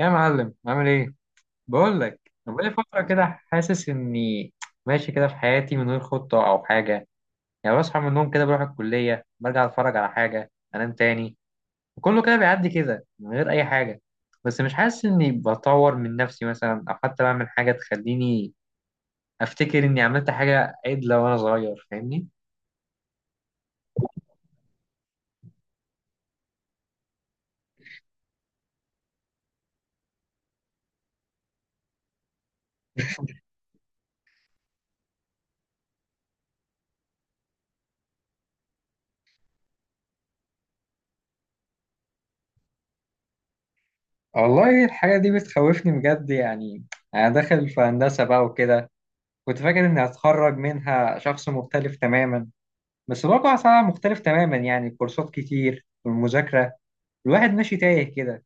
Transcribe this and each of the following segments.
يا معلم، عامل ايه؟ بقول لك انا بقالي فتره كده. حاسس اني ماشي كده في حياتي من غير خطه او حاجه. يعني بصحى من النوم كده، بروح الكليه، برجع اتفرج على حاجه، انام تاني. وكله كده بيعدي كده من غير اي حاجه. بس مش حاسس اني بطور من نفسي مثلا، او حتى بعمل حاجه تخليني افتكر اني عملت حاجه عدله وانا صغير، فاهمني؟ والله الحاجه دي بتخوفني بجد يعني. انا داخل في هندسه بقى وكده، كنت فاكر اني هتخرج منها شخص مختلف تماما. بس برضه على العالم مختلف تماما، يعني الكورسات كتير والمذاكرة، الواحد ماشي تايه كده.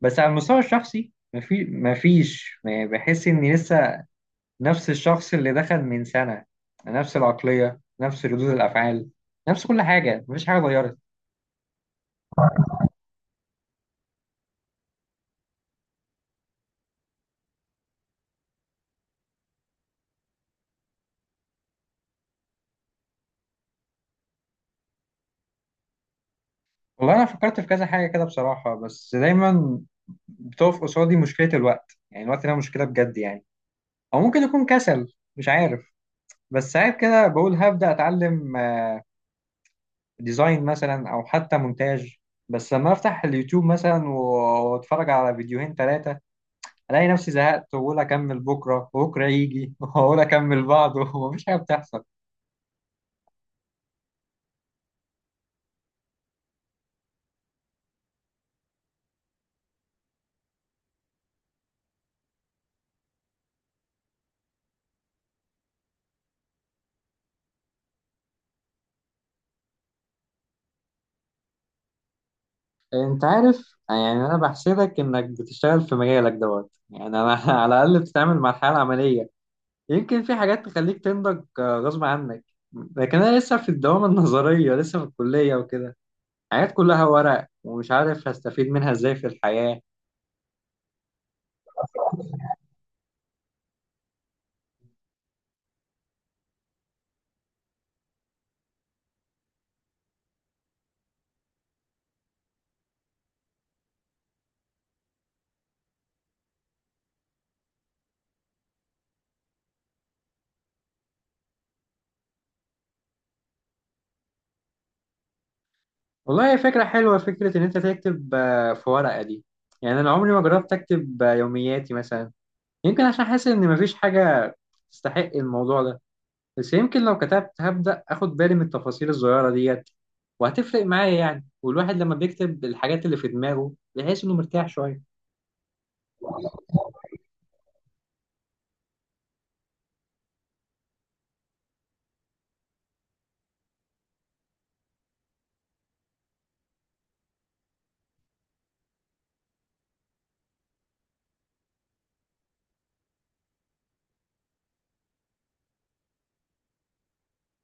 بس على المستوى الشخصي مفيش يعني، بحس إني لسه نفس الشخص اللي دخل من سنة. نفس العقلية، نفس ردود الأفعال، نفس كل حاجة، مفيش حاجة اتغيرت. والله أنا فكرت في كذا حاجة كده بصراحة، بس دايما بتقف قصادي مشكلة الوقت. يعني الوقت ده مشكلة بجد يعني، أو ممكن يكون كسل، مش عارف. بس ساعات كده بقول هبدأ أتعلم ديزاين مثلا او حتى مونتاج. بس لما افتح اليوتيوب مثلا واتفرج على فيديوهين ثلاثه، الاقي نفسي زهقت واقول اكمل بكره، وبكره يجي واقول اكمل بعده ومفيش حاجه بتحصل. انت عارف يعني انا بحسدك انك بتشتغل في مجالك دوت. يعني انا على الاقل بتتعامل مع الحياه العمليه، يمكن في حاجات تخليك تنضج غصب عنك. لكن انا لسه في الدوامه النظريه، لسه في الكليه وكده، حاجات كلها ورق ومش عارف هستفيد منها ازاي في الحياه. والله هي فكرة حلوة، فكرة إن أنت تكتب في ورقة دي. يعني أنا عمري ما جربت أكتب يومياتي مثلا. يمكن عشان حاسس إن مفيش حاجة تستحق الموضوع ده. بس يمكن لو كتبت هبدأ أخد بالي من التفاصيل الصغيرة ديت، وهتفرق معايا يعني. والواحد لما بيكتب الحاجات اللي في دماغه بيحس إنه مرتاح شوية.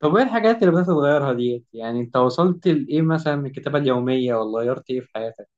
طب إيه الحاجات اللي بدأت تتغيرها ديت؟ يعني أنت وصلت لإيه مثلا من الكتابة اليومية؟ ولا غيرت إيه في حياتك؟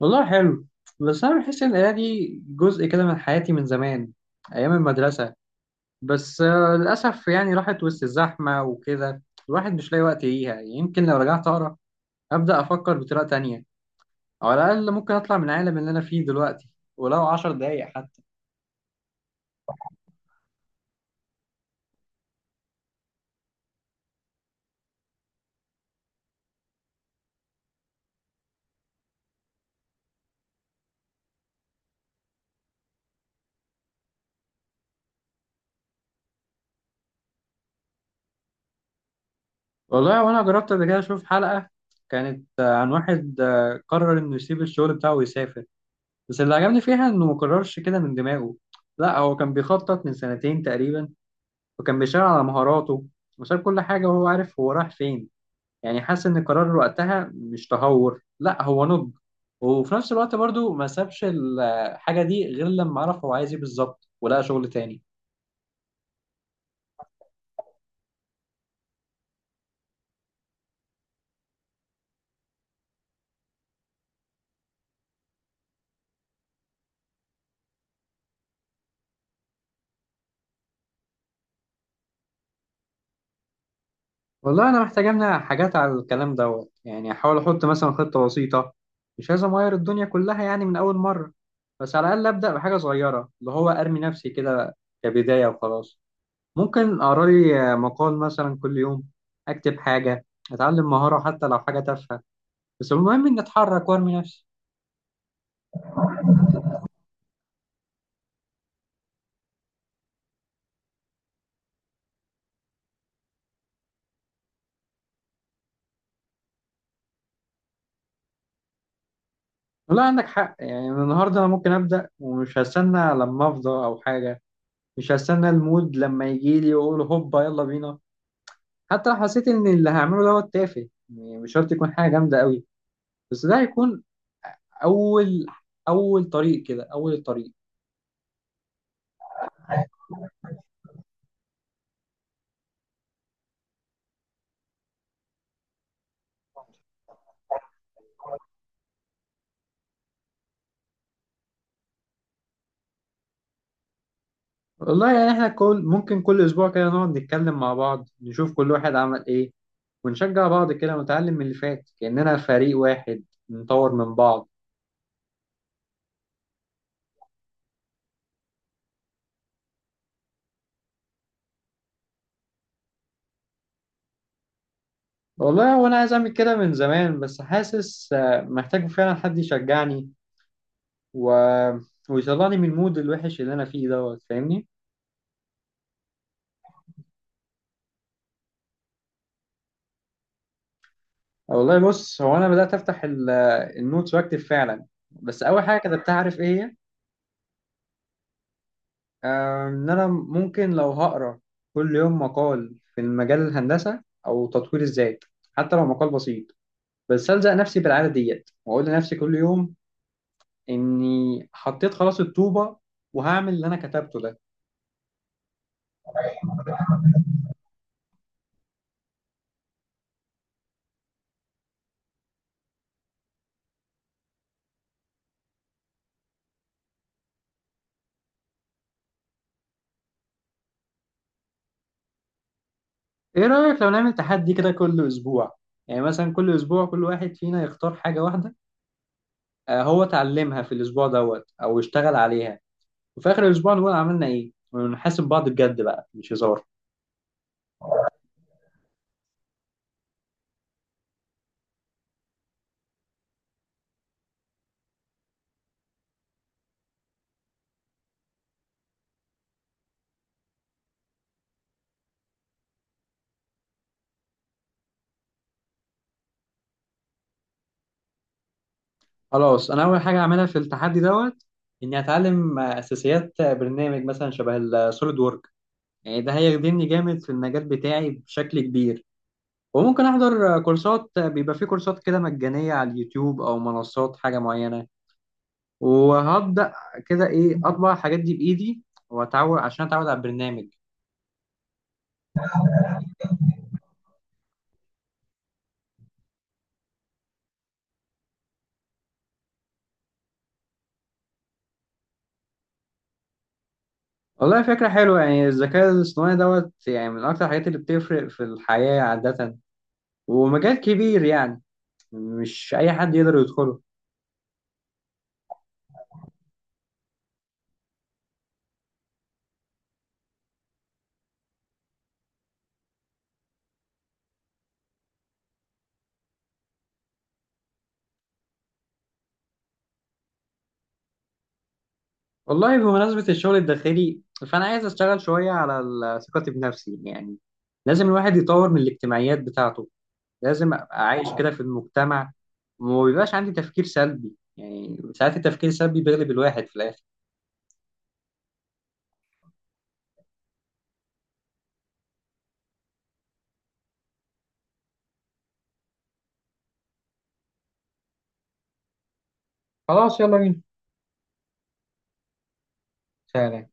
والله حلو، بس أنا بحس إن القراية دي جزء كده من حياتي من زمان، أيام المدرسة. بس للأسف يعني راحت وسط الزحمة وكده، الواحد مش لاقي وقت ليها. يمكن لو رجعت أقرأ أبدأ أفكر بطريقة تانية، أو على الأقل ممكن أطلع من العالم اللي أنا فيه دلوقتي، ولو عشر دقايق حتى. والله وأنا جربت قبل كده أشوف حلقة، كانت عن واحد قرر إنه يسيب الشغل بتاعه ويسافر. بس اللي عجبني فيها إنه مقررش كده من دماغه، لا هو كان بيخطط من سنتين تقريبا، وكان بيشتغل على مهاراته، وساب كل حاجة وهو عارف هو رايح فين. يعني حاسس ان قرار وقتها مش تهور، لا هو نضج. وفي نفس الوقت برضو ما سابش الحاجة دي غير لما عرف هو عايز ايه بالظبط ولقى شغل تاني. والله انا محتاج امنع حاجات على الكلام دوت. يعني احاول احط مثلا خطة بسيطة، مش لازم اغير الدنيا كلها يعني من اول مرة. بس على الاقل ابدا بحاجة صغيرة، اللي هو ارمي نفسي كده كبداية وخلاص. ممكن اقرا لي مقال مثلا كل يوم، اكتب حاجة، اتعلم مهارة حتى لو حاجة تافهة. بس المهم اني اتحرك وارمي نفسي. لا عندك حق يعني، من النهارده انا ممكن ابدا ومش هستنى لما افضى او حاجه. مش هستنى المود لما يجي لي واقول هوبا يلا بينا. حتى لو حسيت ان اللي هعمله دوت تافه يعني، مش شرط يكون حاجه جامده قوي. بس ده هيكون اول اول طريق كده اول الطريق. والله يعني احنا ممكن كل اسبوع كده نقعد نتكلم مع بعض، نشوف كل واحد عمل ايه، ونشجع بعض كده، ونتعلم من اللي فات كاننا فريق واحد، نطور من بعض. والله وانا عايز اعمل كده من زمان، بس حاسس محتاج فعلا حد يشجعني و... ويطلعني من المود الوحش اللي انا فيه دوت، فاهمني؟ والله بص، هو انا بدات افتح النوتس واكتب فعلا. بس اول حاجه كتبتها عارف ايه هي؟ ان انا ممكن لو هقرا كل يوم مقال في المجال الهندسه او تطوير الذات، حتى لو مقال بسيط، بس الزق نفسي بالعاده ديت واقول لنفسي كل يوم اني حطيت خلاص الطوبه، وهعمل اللي انا كتبته ده. ايه رأيك لو نعمل تحدي كده كل اسبوع؟ يعني مثلا كل اسبوع كل واحد فينا يختار حاجة واحدة هو اتعلمها في الاسبوع دوت او اشتغل عليها، وفي اخر الاسبوع نقول عملنا ايه، ونحاسب بعض بجد بقى، مش هزار. خلاص انا اول حاجة اعملها في التحدي دوت اني اتعلم اساسيات برنامج مثلا شبه السوليد وورك. يعني ده هيخدمني جامد في المجال بتاعي بشكل كبير. وممكن احضر كورسات، بيبقى في كورسات كده مجانية على اليوتيوب او منصات حاجة معينة، وهبدأ كده إيه أطبع الحاجات دي بإيدي عشان أتعود على البرنامج. والله فكرة حلوة يعني، الذكاء الاصطناعي دوت يعني من أكتر الحاجات اللي بتفرق في الحياة عادة، ومجال كبير يعني، مش أي حد يقدر يدخله. والله بمناسبة الشغل الداخلي، فأنا عايز أشتغل شوية على ثقتي بنفسي يعني. لازم الواحد يطور من الاجتماعيات بتاعته، لازم أبقى عايش كده في المجتمع، وما بيبقاش عندي تفكير سلبي. يعني ساعات التفكير السلبي بيغلب الواحد في الآخر. خلاص يلا بينا. فعلا.